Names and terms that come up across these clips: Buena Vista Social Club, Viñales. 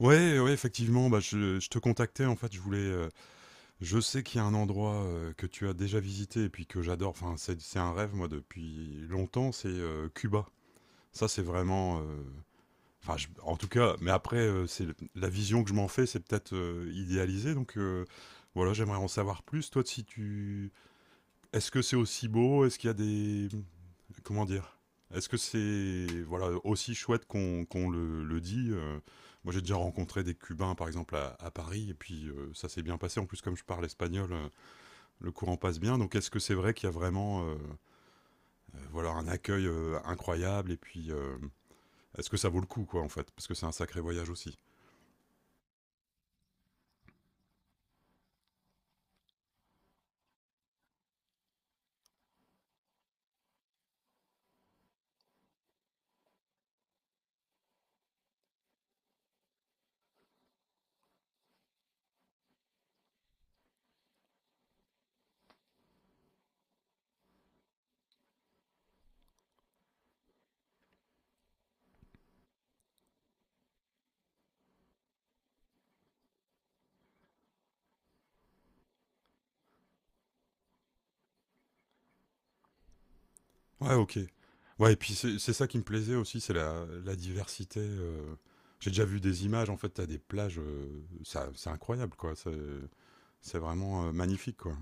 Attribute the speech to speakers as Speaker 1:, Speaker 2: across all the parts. Speaker 1: Ouais, ouais, effectivement, bah, je te contactais en fait. Je voulais, je sais qu'il y a un endroit que tu as déjà visité et puis que j'adore. Enfin, c'est un rêve moi depuis longtemps. C'est Cuba. Ça, c'est vraiment. En tout cas. Mais après, c'est la vision que je m'en fais, c'est peut-être idéalisé. Voilà, j'aimerais en savoir plus. Toi, si tu, est-ce que c'est aussi beau? Est-ce qu'il y a des, comment dire, est-ce que c'est voilà aussi chouette qu'on le dit Moi, j'ai déjà rencontré des Cubains, par exemple, à Paris, et puis ça s'est bien passé. En plus, comme je parle espagnol, le courant passe bien. Donc, est-ce que c'est vrai qu'il y a vraiment voilà un accueil incroyable? Et puis, est-ce que ça vaut le coup, quoi, en fait? Parce que c'est un sacré voyage aussi. Ouais, ok. Ouais, et puis c'est ça qui me plaisait aussi, c'est la diversité. J'ai déjà vu des images, en fait, t'as des plages, c'est incroyable, quoi. C'est vraiment magnifique, quoi.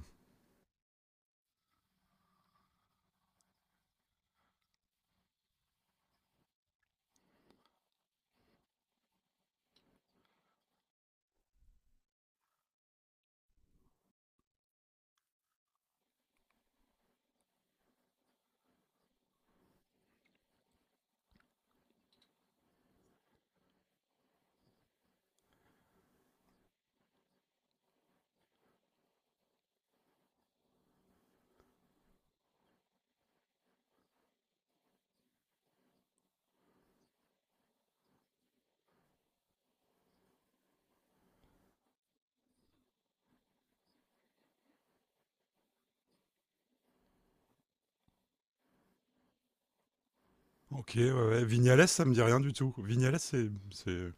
Speaker 1: OK, ouais, ouais. Vignales, ça me dit rien du tout. Vignales, c'est...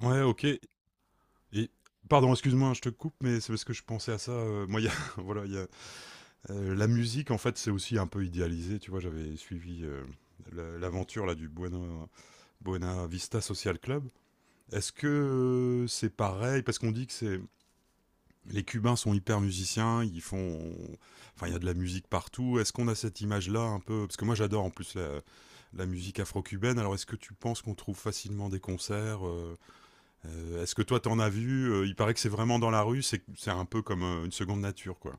Speaker 1: Ouais, OK. Et pardon, excuse-moi, je te coupe, mais c'est parce que je pensais à ça, moi, il y a voilà, la musique, en fait, c'est aussi un peu idéalisé, tu vois? J'avais suivi, le l'aventure, là, du Buena Vista Social Club. Est-ce que, c'est pareil? Parce qu'on dit que c'est les Cubains sont hyper musiciens, ils font, enfin il y a de la musique partout. Est-ce qu'on a cette image-là un peu? Parce que moi j'adore en plus la musique afro-cubaine. Alors est-ce que tu penses qu'on trouve facilement des concerts? Est-ce que toi t'en as vu? Il paraît que c'est vraiment dans la rue, c'est un peu comme une seconde nature quoi.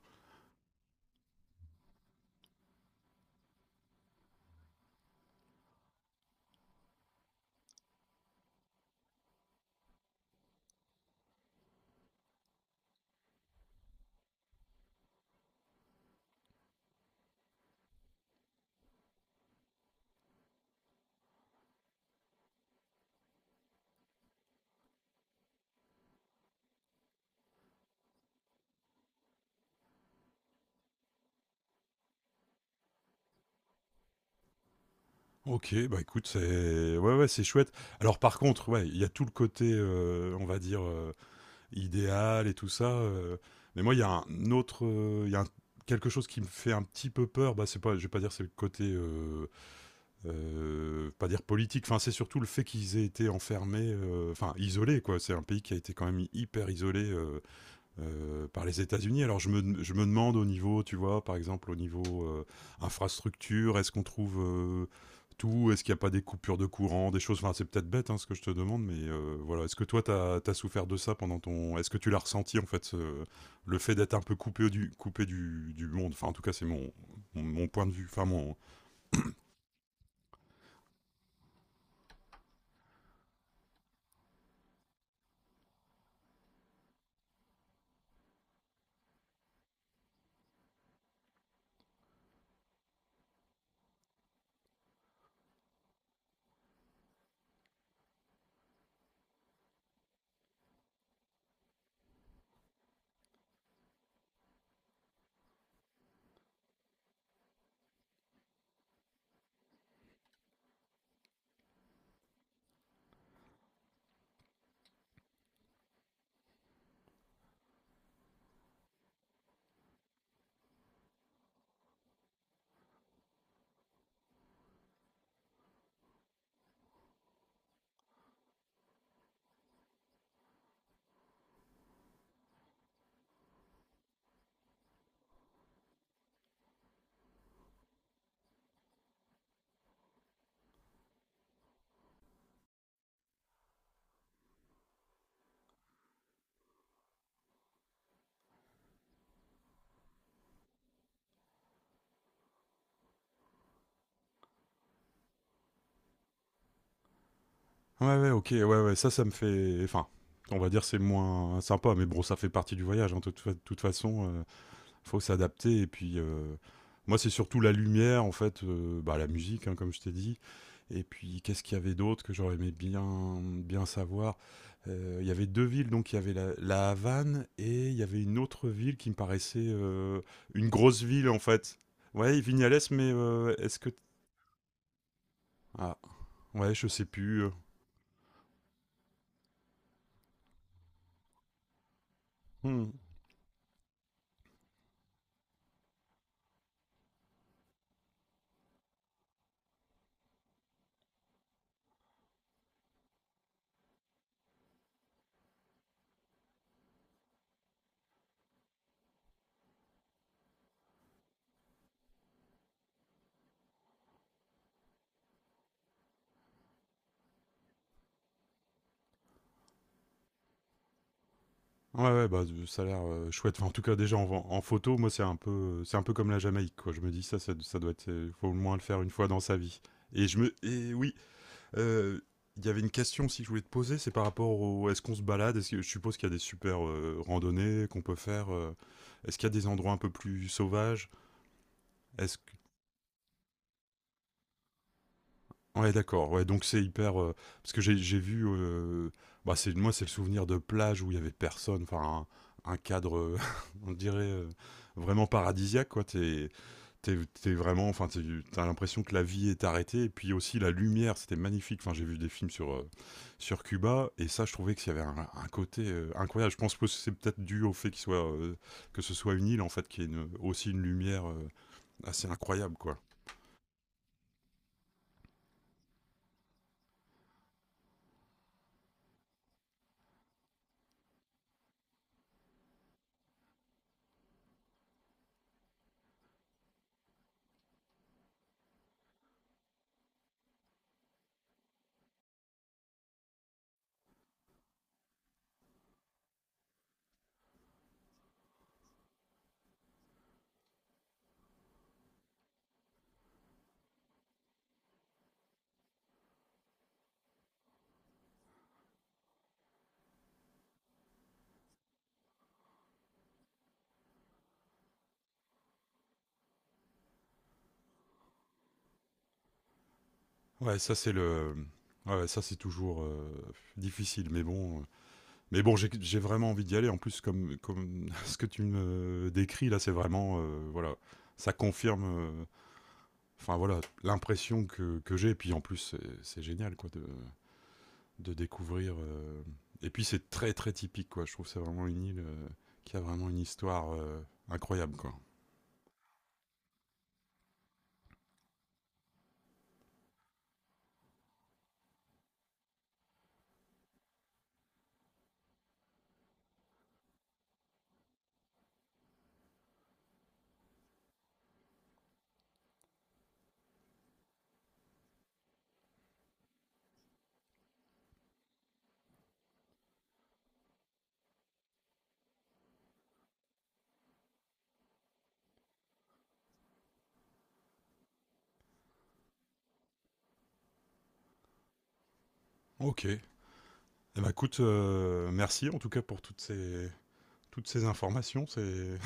Speaker 1: Ok, bah écoute, c'est ouais ouais c'est chouette. Alors par contre, ouais, il y a tout le côté, on va dire, idéal et tout ça. Mais moi, il y a un autre, il y a un- quelque chose qui me fait un petit peu peur. Bah, c'est pas, je vais pas dire c'est le côté, pas dire politique. Enfin, c'est surtout le fait qu'ils aient été enfermés, enfin isolés quoi. C'est un pays qui a été quand même hyper isolé par les États-Unis. Alors je me demande au niveau, tu vois, par exemple au niveau infrastructure, est-ce qu'on trouve tout? Est-ce qu'il n'y a pas des coupures de courant, des choses? Enfin, c'est peut-être bête hein, ce que je te demande, mais voilà. Est-ce que toi, tu as souffert de ça pendant ton... Est-ce que tu l'as ressenti, en fait, le fait d'être un peu coupé du, du monde? Enfin, en tout cas, c'est mon point de vue. Enfin, mon. Ouais, ouais, ok, ouais, ouais, ça me fait. Enfin, on va dire, c'est moins sympa, mais bon, ça fait partie du voyage, hein, de toute façon. Faut s'adapter. Et puis, moi, c'est surtout la lumière, en fait, bah, la musique, hein, comme je t'ai dit. Et puis, qu'est-ce qu'il y avait d'autre que j'aurais aimé bien, bien savoir? Il y avait deux villes, donc il y avait la Havane et il y avait une autre ville qui me paraissait une grosse ville, en fait. Ouais, Vignales, mais est-ce que... Ah, ouais, je sais plus. Hmm. Ouais, ouais, bah, z ça a l'air, chouette. Enfin, en tout cas, déjà, en en photo, moi, c'est un peu comme la Jamaïque, quoi. Je me dis: «Ça, ça doit être, faut au moins le faire une fois dans sa vie.» Et je me et oui, heu, il y avait une question aussi que je voulais te poser, c'est par rapport au, est-ce qu'on se balade? Est-ce que, je suppose qu'il y a des super, randonnées qu'on peut faire, est-ce qu'il y a des endroits un peu plus sauvages? Est-ce Ouais, d'accord. Ouais, donc c'est hyper, parce que j'ai vu, bah, c'est moi, c'est le souvenir de plage où il y avait personne, enfin un cadre, on dirait, vraiment paradisiaque quoi. T'es vraiment, enfin tu l'impression que la vie est arrêtée et puis aussi la lumière, c'était magnifique. Enfin, j'ai vu des films sur, sur Cuba et ça, je trouvais qu'il y avait un côté, incroyable. Je pense que c'est peut-être dû au fait qu'il soit, que ce soit une île en fait, qui est aussi une lumière, assez incroyable quoi. Ouais, ouais, ça c'est toujours difficile, mais bon, j'ai vraiment envie d'y aller. En plus, comme ce que tu me décris là, c'est vraiment, voilà, ça confirme, enfin voilà, l'impression que j'ai. Et puis en plus, c'est génial quoi de découvrir. Et puis c'est très très typique quoi. Je trouve que c'est vraiment une île qui a vraiment une histoire incroyable quoi. Ok. Eh ben écoute, merci en tout cas pour toutes ces informations.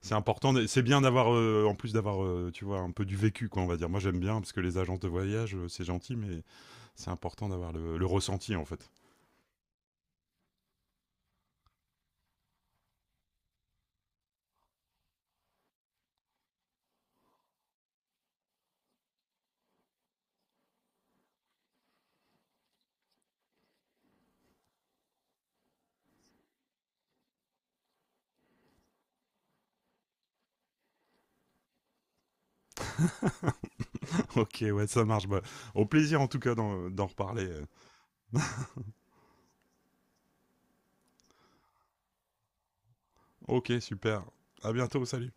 Speaker 1: C'est important, c'est bien d'avoir, en plus d'avoir, tu vois, un peu du vécu, quoi, on va dire. Moi, j'aime bien, parce que les agences de voyage, c'est gentil, mais c'est important d'avoir le ressenti, en fait. Ok, ouais, ça marche. Bah, au plaisir, en tout cas, d'en reparler. Ok, super. À bientôt, salut.